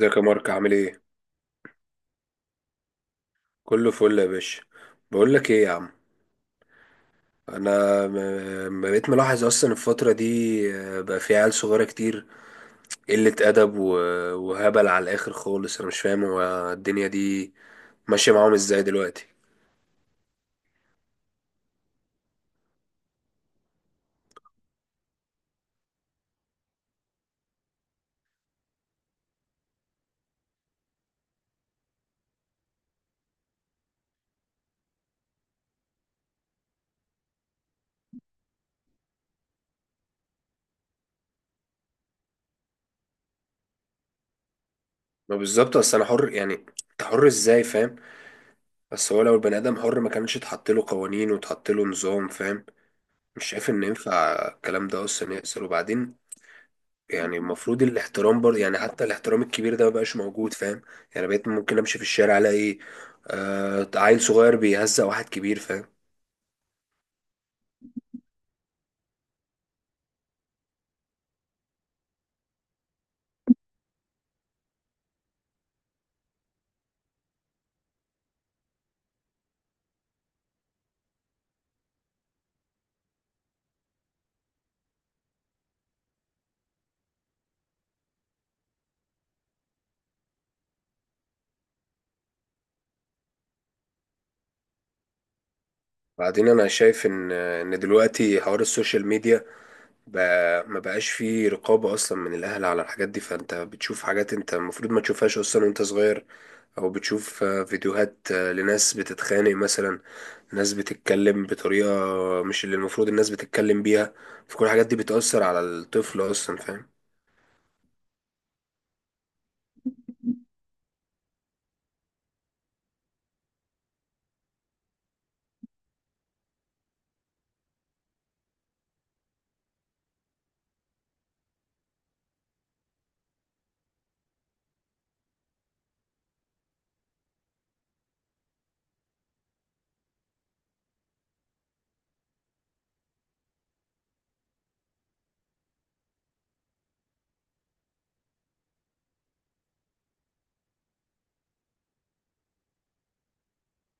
ازيك يا مارك؟ عامل ايه؟ كله فل يا باشا. بقول لك ايه يا عم. انا بقيت ملاحظ اصلا الفتره دي. بقى في عيال صغيره كتير، قله ادب وهبل على الاخر خالص. انا مش فاهم هو الدنيا دي ماشيه معاهم ازاي دلوقتي. ما بالظبط، اصل انا حر يعني انت حر ازاي؟ فاهم؟ بس هو لو البني ادم حر ما كانش اتحط له قوانين واتحط له نظام، فاهم؟ مش شايف ان ينفع الكلام ده اصلا يحصل. وبعدين يعني المفروض الاحترام برضه، يعني حتى الاحترام الكبير ده مبقاش موجود، فاهم؟ يعني بقيت ممكن امشي في الشارع الاقي عيل صغير بيهزق واحد كبير، فاهم؟ بعدين انا شايف ان دلوقتي حوار السوشيال ميديا بقى ما بقاش فيه رقابة اصلا من الاهل على الحاجات دي. فانت بتشوف حاجات انت المفروض ما تشوفهاش اصلا وانت صغير، او بتشوف فيديوهات لناس بتتخانق مثلا، ناس بتتكلم بطريقة مش اللي المفروض الناس بتتكلم بيها. فكل الحاجات دي بتأثر على الطفل اصلا، فاهم؟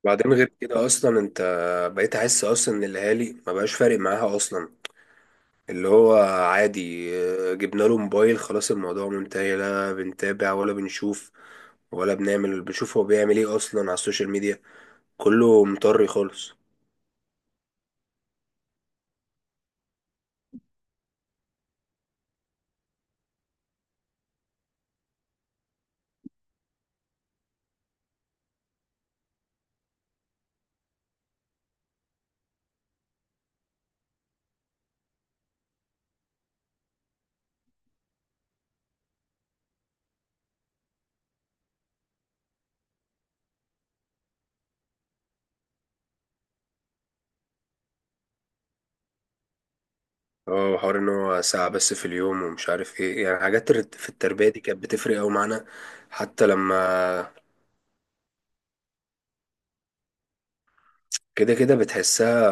بعدين غير كده اصلا انت بقيت احس اصلا ان الاهالي ما بقاش فارق معاها اصلا. اللي هو عادي، جبنا له موبايل خلاص الموضوع منتهي. لا بنتابع ولا بنشوف ولا بنشوف هو بيعمل ايه اصلا على السوشيال ميديا. كله مطري خالص. اه، حوار ان هو ساعة بس في اليوم ومش عارف ايه، يعني حاجات في التربية دي كانت بتفرق اوي معانا. حتى لما كده كده بتحسها،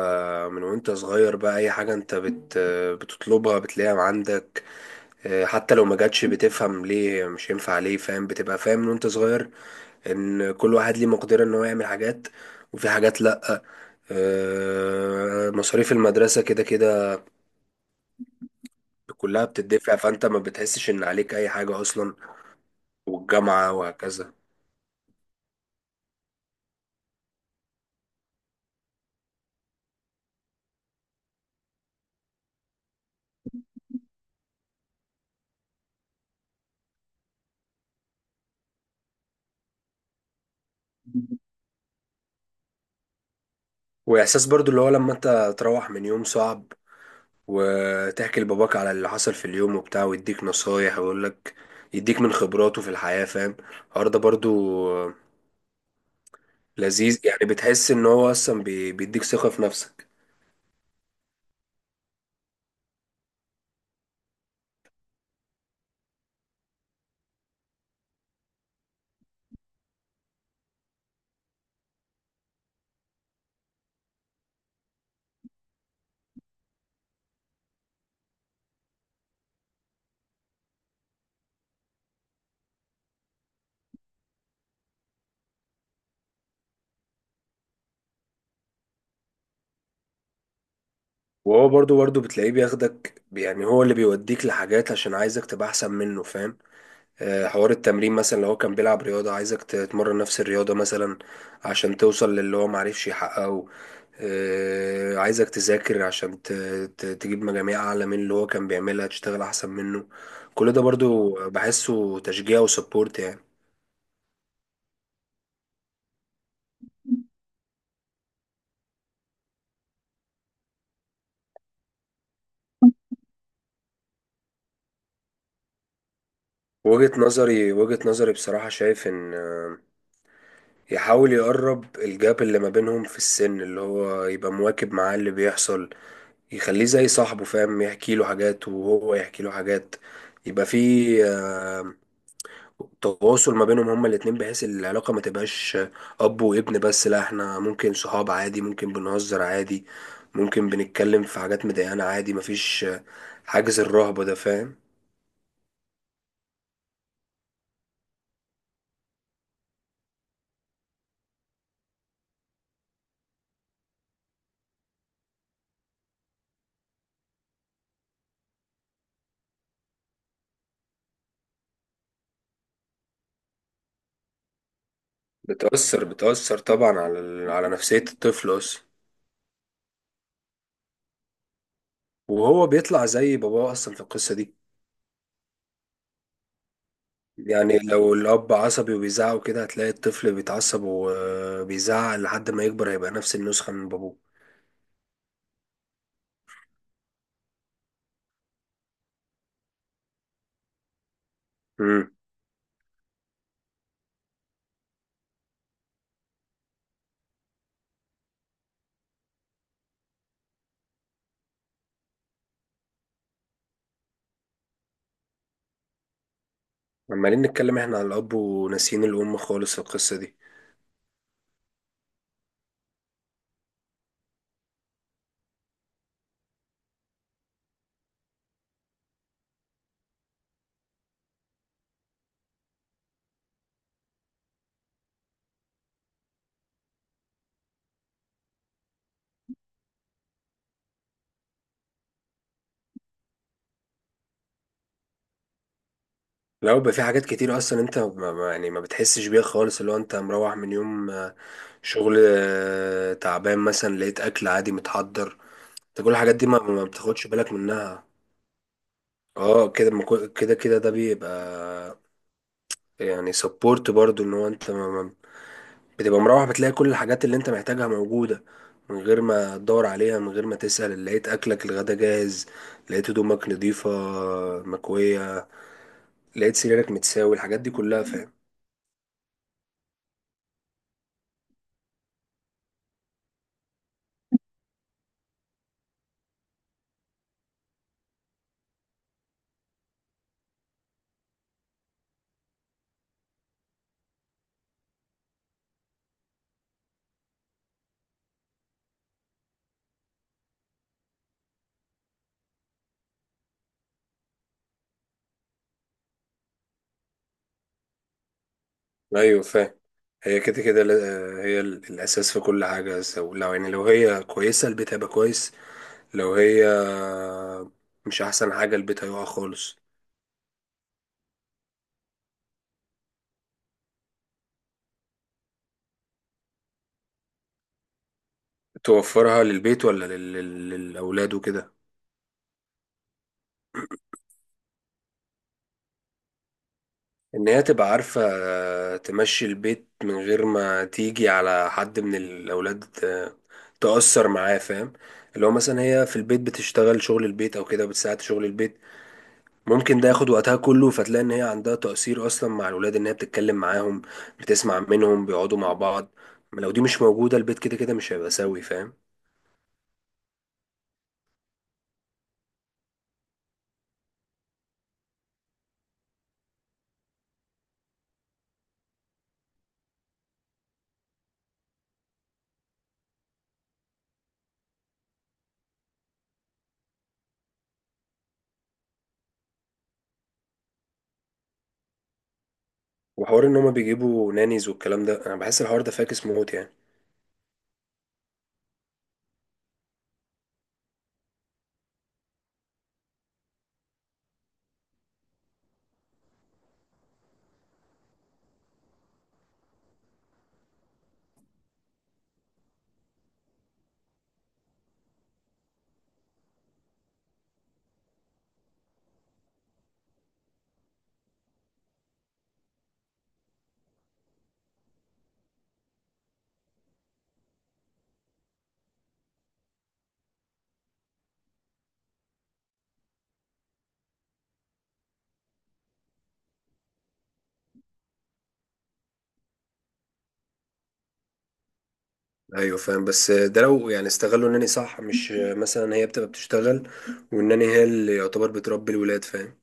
من وانت صغير، بقى اي حاجة انت بت آه، بتطلبها بتلاقيها عندك. حتى لو ما جاتش بتفهم ليه مش هينفع ليه، فاهم؟ بتبقى فاهم من وانت صغير ان كل واحد ليه مقدرة ان هو يعمل حاجات، وفي حاجات لا. مصاريف المدرسة كده كده كلها بتدفع، فانت ما بتحسش ان عليك اي حاجة اصلا، والجامعة وهكذا. واحساس برضو اللي هو لما انت تروح من يوم صعب وتحكي لباباك على اللي حصل في اليوم وبتاع، ويديك نصايح ويقول لك، يديك من خبراته في الحياة، فاهم؟ الحوار ده برضو لذيذ يعني، بتحس ان هو اصلا بيديك ثقة في نفسك. وهو برضو بتلاقيه بياخدك، يعني هو اللي بيوديك لحاجات عشان عايزك تبقى احسن منه، فاهم؟ حوار التمرين مثلا، لو هو كان بيلعب رياضة عايزك تتمرن نفس الرياضة مثلا عشان توصل للي هو معرفش يحققه. عايزك تذاكر عشان تجيب مجاميع أعلى من اللي هو كان بيعملها، تشتغل أحسن منه. كل ده برضو بحسه تشجيع وسبورت يعني. وجهة نظري بصراحة شايف إن يحاول يقرب الجاب اللي ما بينهم في السن، اللي هو يبقى مواكب معاه اللي بيحصل، يخليه زي صاحبه فاهم، يحكي له حاجات وهو يحكي له حاجات، يبقى في آه، تواصل ما بينهم هما الاتنين، بحيث العلاقة ما تبقاش أب وابن بس، لا احنا ممكن صحاب عادي، ممكن بنهزر عادي، ممكن بنتكلم في حاجات مضايقانا عادي، مفيش حاجز الرهبة ده، فاهم؟ بتأثر طبعا على نفسية الطفل أصلا. وهو بيطلع زي باباه أصلا في القصة دي. يعني لو الأب عصبي وبيزعق كده هتلاقي الطفل بيتعصب وبيزعق، لحد ما يكبر هيبقى نفس النسخة من بابوه. امم عمالين نتكلم احنا على الأب وناسيين الأم خالص القصة دي. لو بيبقى في حاجات كتير أصلا أنت يعني ما بتحسش بيها خالص، اللي هو أنت مروح من يوم، شغل تعبان مثلا، لقيت أكل عادي متحضر، انت كل الحاجات دي ما بتاخدش بالك منها. اه كده ما كو- كده كده ده بيبقى يعني سبورت برضو، ان هو انت ما بتبقى مروح بتلاقي كل الحاجات اللي انت محتاجها موجودة، من غير ما تدور عليها من غير ما تسأل، لقيت أكلك الغدا جاهز، لقيت هدومك نضيفة مكوية، لقيت سريرك متساوي. الحاجات دي كلها فاهم؟ ايوه فاهم. هي كده كده هي الاساس في كل حاجه. لو يعني لو هي كويسه البيت هيبقى كويس، لو هي مش احسن حاجه البيت هيقع خالص. توفرها للبيت ولا للاولاد وكده؟ ان هي تبقى عارفة تمشي البيت من غير ما تيجي على حد من الاولاد تأثر معاه، فاهم؟ اللي هو مثلا هي في البيت بتشتغل شغل البيت او كده بتساعد شغل البيت، ممكن ده ياخد وقتها كله، فتلاقي ان هي عندها تأثير اصلا مع الاولاد، ان هي بتتكلم معاهم بتسمع منهم بيقعدوا مع بعض. لو دي مش موجودة البيت كده كده مش هيبقى سوي، فاهم؟ وحوار ان هما بيجيبوا نانيز والكلام ده، انا بحس الحوار ده فاكس موت يعني. ايوه فاهم، بس ده لو يعني استغلوا انني صح، مش مثلا هي بتبقى بتشتغل وانني هي اللي يعتبر بتربي الولاد، فاهم؟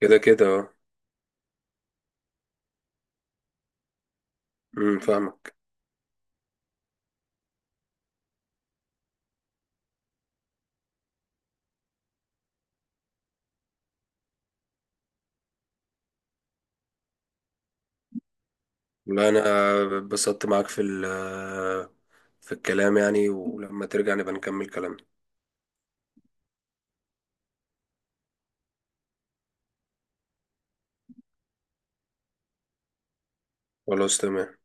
كده كده اه. فاهمك. لا انا اتبسطت معاك في في الكلام يعني، ولما ترجع نبقى نكمل كلامنا. خلاص تمام.